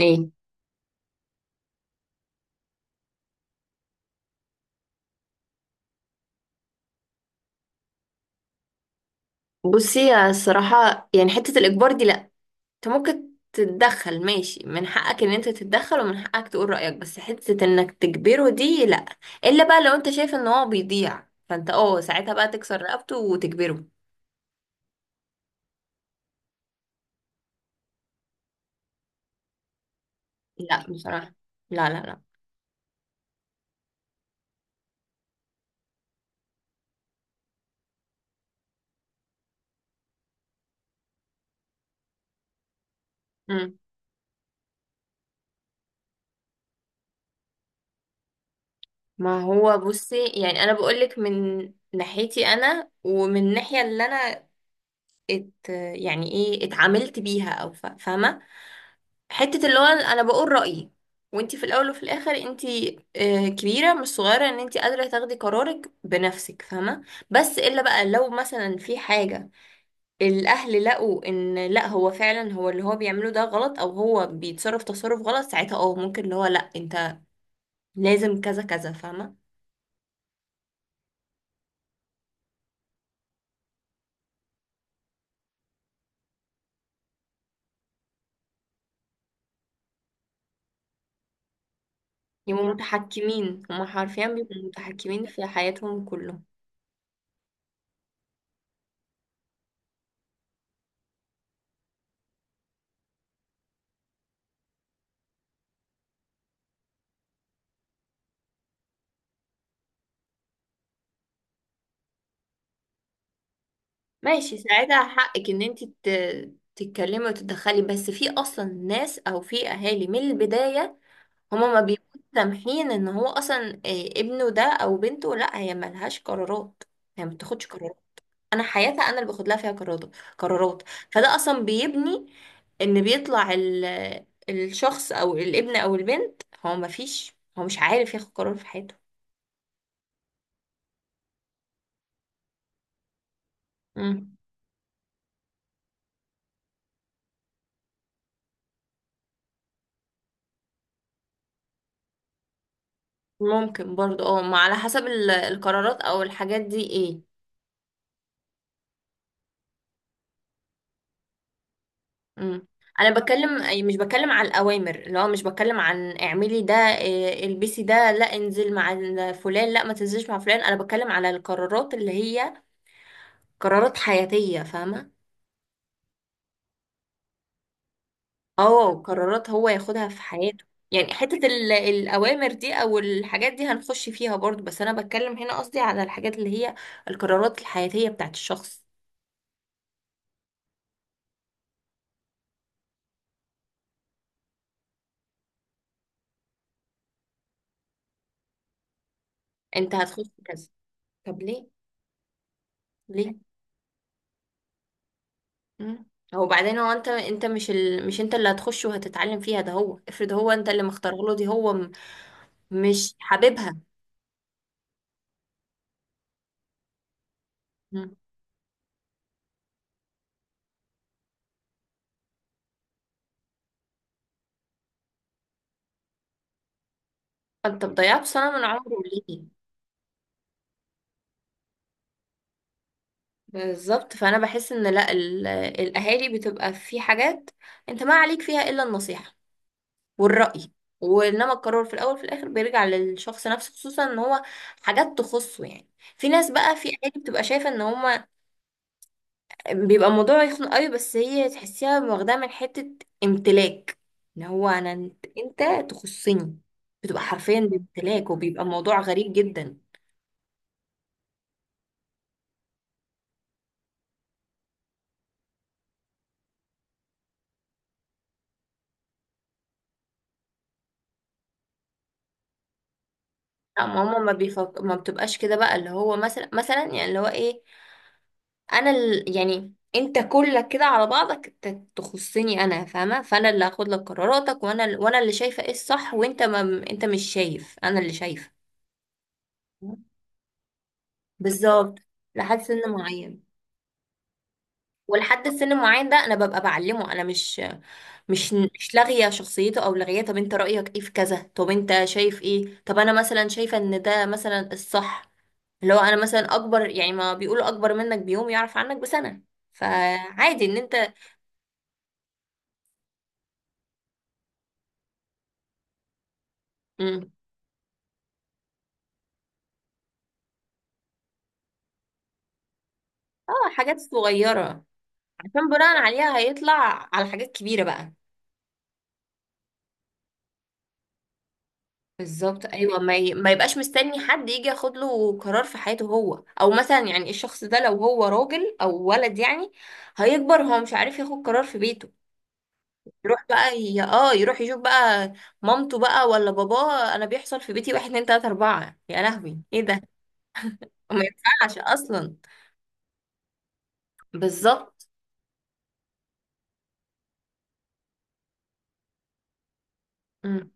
ايه. بصي، يا الصراحة يعني حتة الإجبار دي لأ. انت ممكن تتدخل، ماشي، من حقك ان انت تتدخل ومن حقك تقول رأيك، بس حتة انك تجبره دي لأ. الا بقى لو انت شايف ان هو بيضيع، فانت ساعتها بقى تكسر رقبته وتجبره. لأ بصراحة. لا لا لا. مم. ما هو بصي، يعني انا بقولك من ناحيتي انا ومن الناحية اللي انا ات يعني ايه اتعاملت بيها او فاهمه. حته اللي هو انا بقول رايي، وانتي في الاول وفي الاخر انتي كبيره مش صغيره ان انتي قادره تاخدي قرارك بنفسك، فاهمه؟ بس الا بقى لو مثلا في حاجه الاهل لقوا ان لا، هو فعلا هو اللي هو بيعمله ده غلط، او هو بيتصرف تصرف غلط، ساعتها ممكن اللي هو لا، انت لازم كذا كذا، فاهمه؟ يبقوا متحكمين هما، حرفيا بيبقوا متحكمين في حياتهم كلهم. ماشي، ساعتها حقك ان انت تتكلمي وتتدخلي، بس في اصلا ناس او في اهالي من البداية هما ما بيبقوش سامحين ان هو اصلا ابنه ده او بنته لا، هي ملهاش قرارات، هي ما بتاخدش قرارات. انا حياتها انا اللي باخد لها فيها قرارات قرارات. فده اصلا بيبني ان بيطلع الشخص او الابن او البنت، هو ما فيش، هو مش عارف ياخد قرار في حياته. مم. ممكن برضه ما، على حسب القرارات او الحاجات دي ايه. امم. انا بتكلم مش بتكلم عن الاوامر، اللي هو مش بتكلم عن اعملي ده، البسي ده، لا انزل مع فلان، لا ما تنزلش مع فلان. انا بتكلم على القرارات اللي هي قرارات حياتية، فاهمة؟ اه قرارات هو ياخدها في حياته. يعني حتة الأوامر دي أو الحاجات دي هنخش فيها برضو، بس أنا بتكلم هنا قصدي على الحاجات اللي هي القرارات الحياتية بتاعت الشخص. أنت هتخش كذا، طب ليه؟ ليه؟ مم. هو بعدين هو انت مش ال... مش انت اللي هتخش وهتتعلم فيها، ده هو افرض هو انت اللي مختار له دي، هو م... مش حاببها. مم. انت ضيعت سنة من عمره، ليه؟ بالظبط، فانا بحس ان لا، ال... الاهالي بتبقى في حاجات انت ما عليك فيها الا النصيحة والرأي، وانما القرار في الاول في الاخر بيرجع للشخص نفسه، خصوصا ان هو حاجات تخصه يعني. في ناس بقى، في اهالي بتبقى شايفة ان هم بيبقى الموضوع يخنق قوي، بس هي تحسيها واخداها من حتة امتلاك. ان هو انا، انت، انت تخصني. بتبقى حرفيا امتلاك، وبيبقى الموضوع غريب جدا. لا ماما، ما بيفك... ما بتبقاش كده بقى اللي هو مثلا، يعني اللي هو ايه، انا ال... يعني انت كلك كده على بعضك انت تخصني انا، فاهمه؟ فانا اللي هاخد لك قراراتك، وانا وانا اللي شايفه ايه الصح، وانت ما... انت مش شايف، انا اللي شايفه. بالظبط. لحد سن معين، ولحد السن معين ده انا ببقى بعلمه. انا مش مش لاغيه شخصيته او لاغيه، طب انت رايك ايه في كذا، طب انت شايف ايه، طب انا مثلا شايفه ان ده مثلا الصح. اللي هو انا مثلا اكبر، يعني ما بيقولوا اكبر منك بيوم يعرف عنك بسنه، فعادي ان انت. مم. اه، حاجات صغيره عشان بناء عليها هيطلع على حاجات كبيره بقى. بالظبط ايوه، ما, ما يبقاش مستني حد يجي ياخد له قرار في حياته هو، او مثلا يعني الشخص ده لو هو راجل او ولد يعني هيكبر هو مش عارف ياخد قرار في بيته. يروح بقى يروح يشوف بقى مامته بقى ولا باباه. انا بيحصل في بيتي، واحد اتنين تلاته اربعه، يا لهوي ايه ده، ما ينفعش اصلا. بالظبط. امم.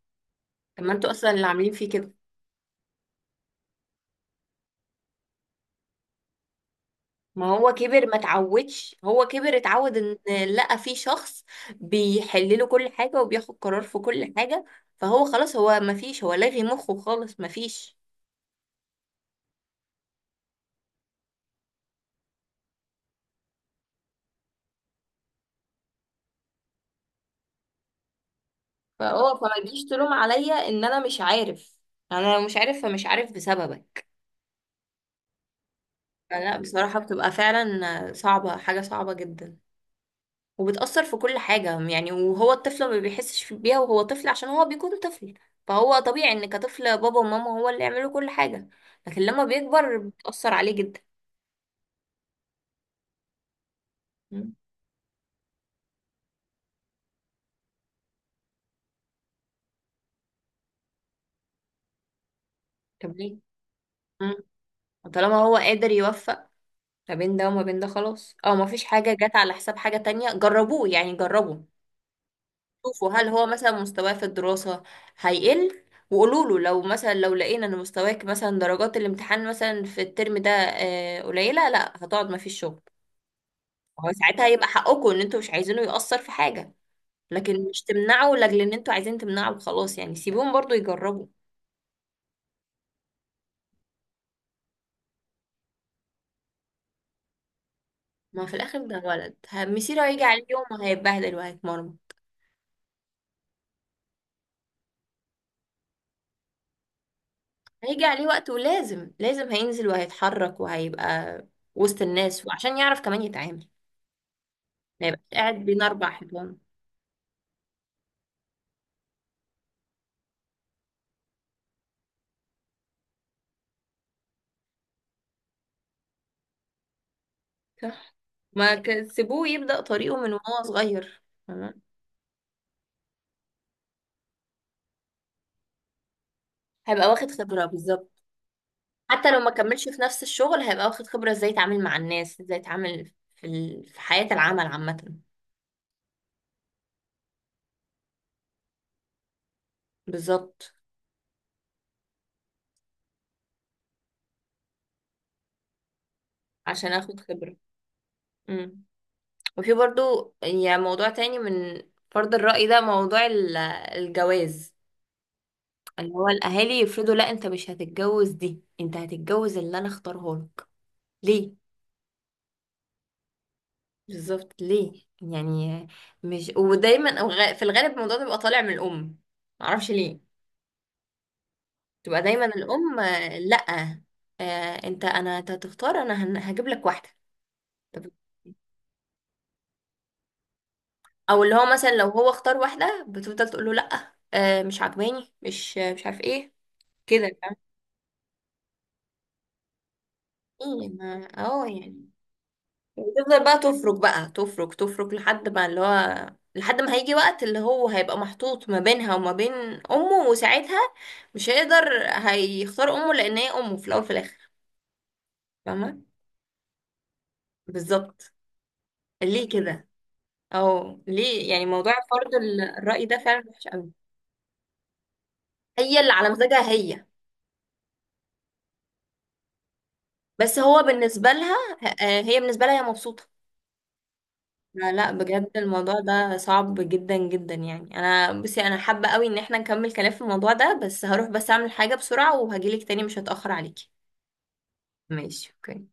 طب ما انتوا اصلا اللي عاملين فيه كده. ما هو كبر، ما اتعودش، هو كبر اتعود ان لقى في شخص بيحل له كل حاجة وبياخد قرار في كل حاجة، فهو خلاص، هو ما فيش، هو لاغي مخه خالص، ما فيش. فهو فما تجيش تلوم عليا ان انا مش عارف، انا لو مش عارف فمش عارف بسببك. فلا بصراحة، بتبقى فعلا صعبة، حاجة صعبة جدا، وبتأثر في كل حاجة يعني، وهو الطفل ما بيحسش بيها وهو طفل عشان هو بيكون طفل، فهو طبيعي ان كطفل بابا وماما هو اللي يعملوا كل حاجة، لكن لما بيكبر بتأثر عليه جدا. مم. طب ليه؟ مم. طالما هو قادر يوفق ما بين ده وما بين ده خلاص، او ما فيش حاجة جت على حساب حاجة تانية، جربوه يعني، جربوا، شوفوا هل هو مثلا مستواه في الدراسة هيقل، وقولوا له لو مثلا لو لقينا ان مستواك مثلا درجات الامتحان مثلا في الترم ده قليلة، لا هتقعد ما فيش شغل. هو ساعتها هيبقى حقكم ان انتوا مش عايزينه يأثر في حاجة، لكن مش تمنعه لاجل ان انتوا عايزين تمنعه وخلاص يعني، سيبوهم برضو يجربوا. ما في الاخر ده ولد، مصيره هيجي عليه يوم وهيتبهدل وهيتمرمط. هيجي عليه وقت، ولازم لازم هينزل وهيتحرك وهيبقى وسط الناس، وعشان يعرف كمان يتعامل، ما يبقاش قاعد بين أربع حيطان. صح، ما ك- سيبوه يبدأ طريقه من وهو صغير. تمام، هيبقى واخد خبرة بالظبط. حتى لو ما كملش في نفس الشغل، هيبقى واخد خبرة ازاي يتعامل مع الناس، ازاي يتعامل في ال... في حياة العمل عامة. بالظبط، عشان اخد خبرة. امم. وفي برضو يعني موضوع تاني من فرض الرأي ده، موضوع الجواز، اللي هو الاهالي يفرضوا لا، انت مش هتتجوز دي، انت هتتجوز اللي انا اختاره لك، ليه؟ بالظبط ليه يعني، مش، ودايما أو في الغالب الموضوع ده بيبقى طالع من الام، معرفش ليه. تبقى دايما الام، لا، انت، انا انت هتختار، انا هجيب لك واحده. طب، او اللي هو مثلا لو هو اختار واحده بتفضل تقول له لا، مش عجباني، مش عارف ايه. كده فاهم؟ ايه؟ ما اه يعني. وتفضل بقى تفرك بقى تفرك تفرك لحد ما اللي هو، لحد ما هيجي وقت اللي هو هيبقى محطوط ما بينها وما بين امه، وساعتها مش هيقدر، هيختار امه لان هي امه في الاول في الاخر، فاهمه؟ بالظبط. ليه كده، او ليه يعني موضوع فرض الرأي ده فعلا وحش قوي. هي اللي على مزاجها هي، بس هو بالنسبه لها، هي بالنسبه لها هي مبسوطه. لا لا، بجد الموضوع ده صعب جدا جدا يعني. انا بصي، انا حابة قوي ان احنا نكمل كلام في الموضوع ده، بس هروح بس اعمل حاجة بسرعة وهجيلك تاني، مش هتأخر عليكي. ماشي، اوكي.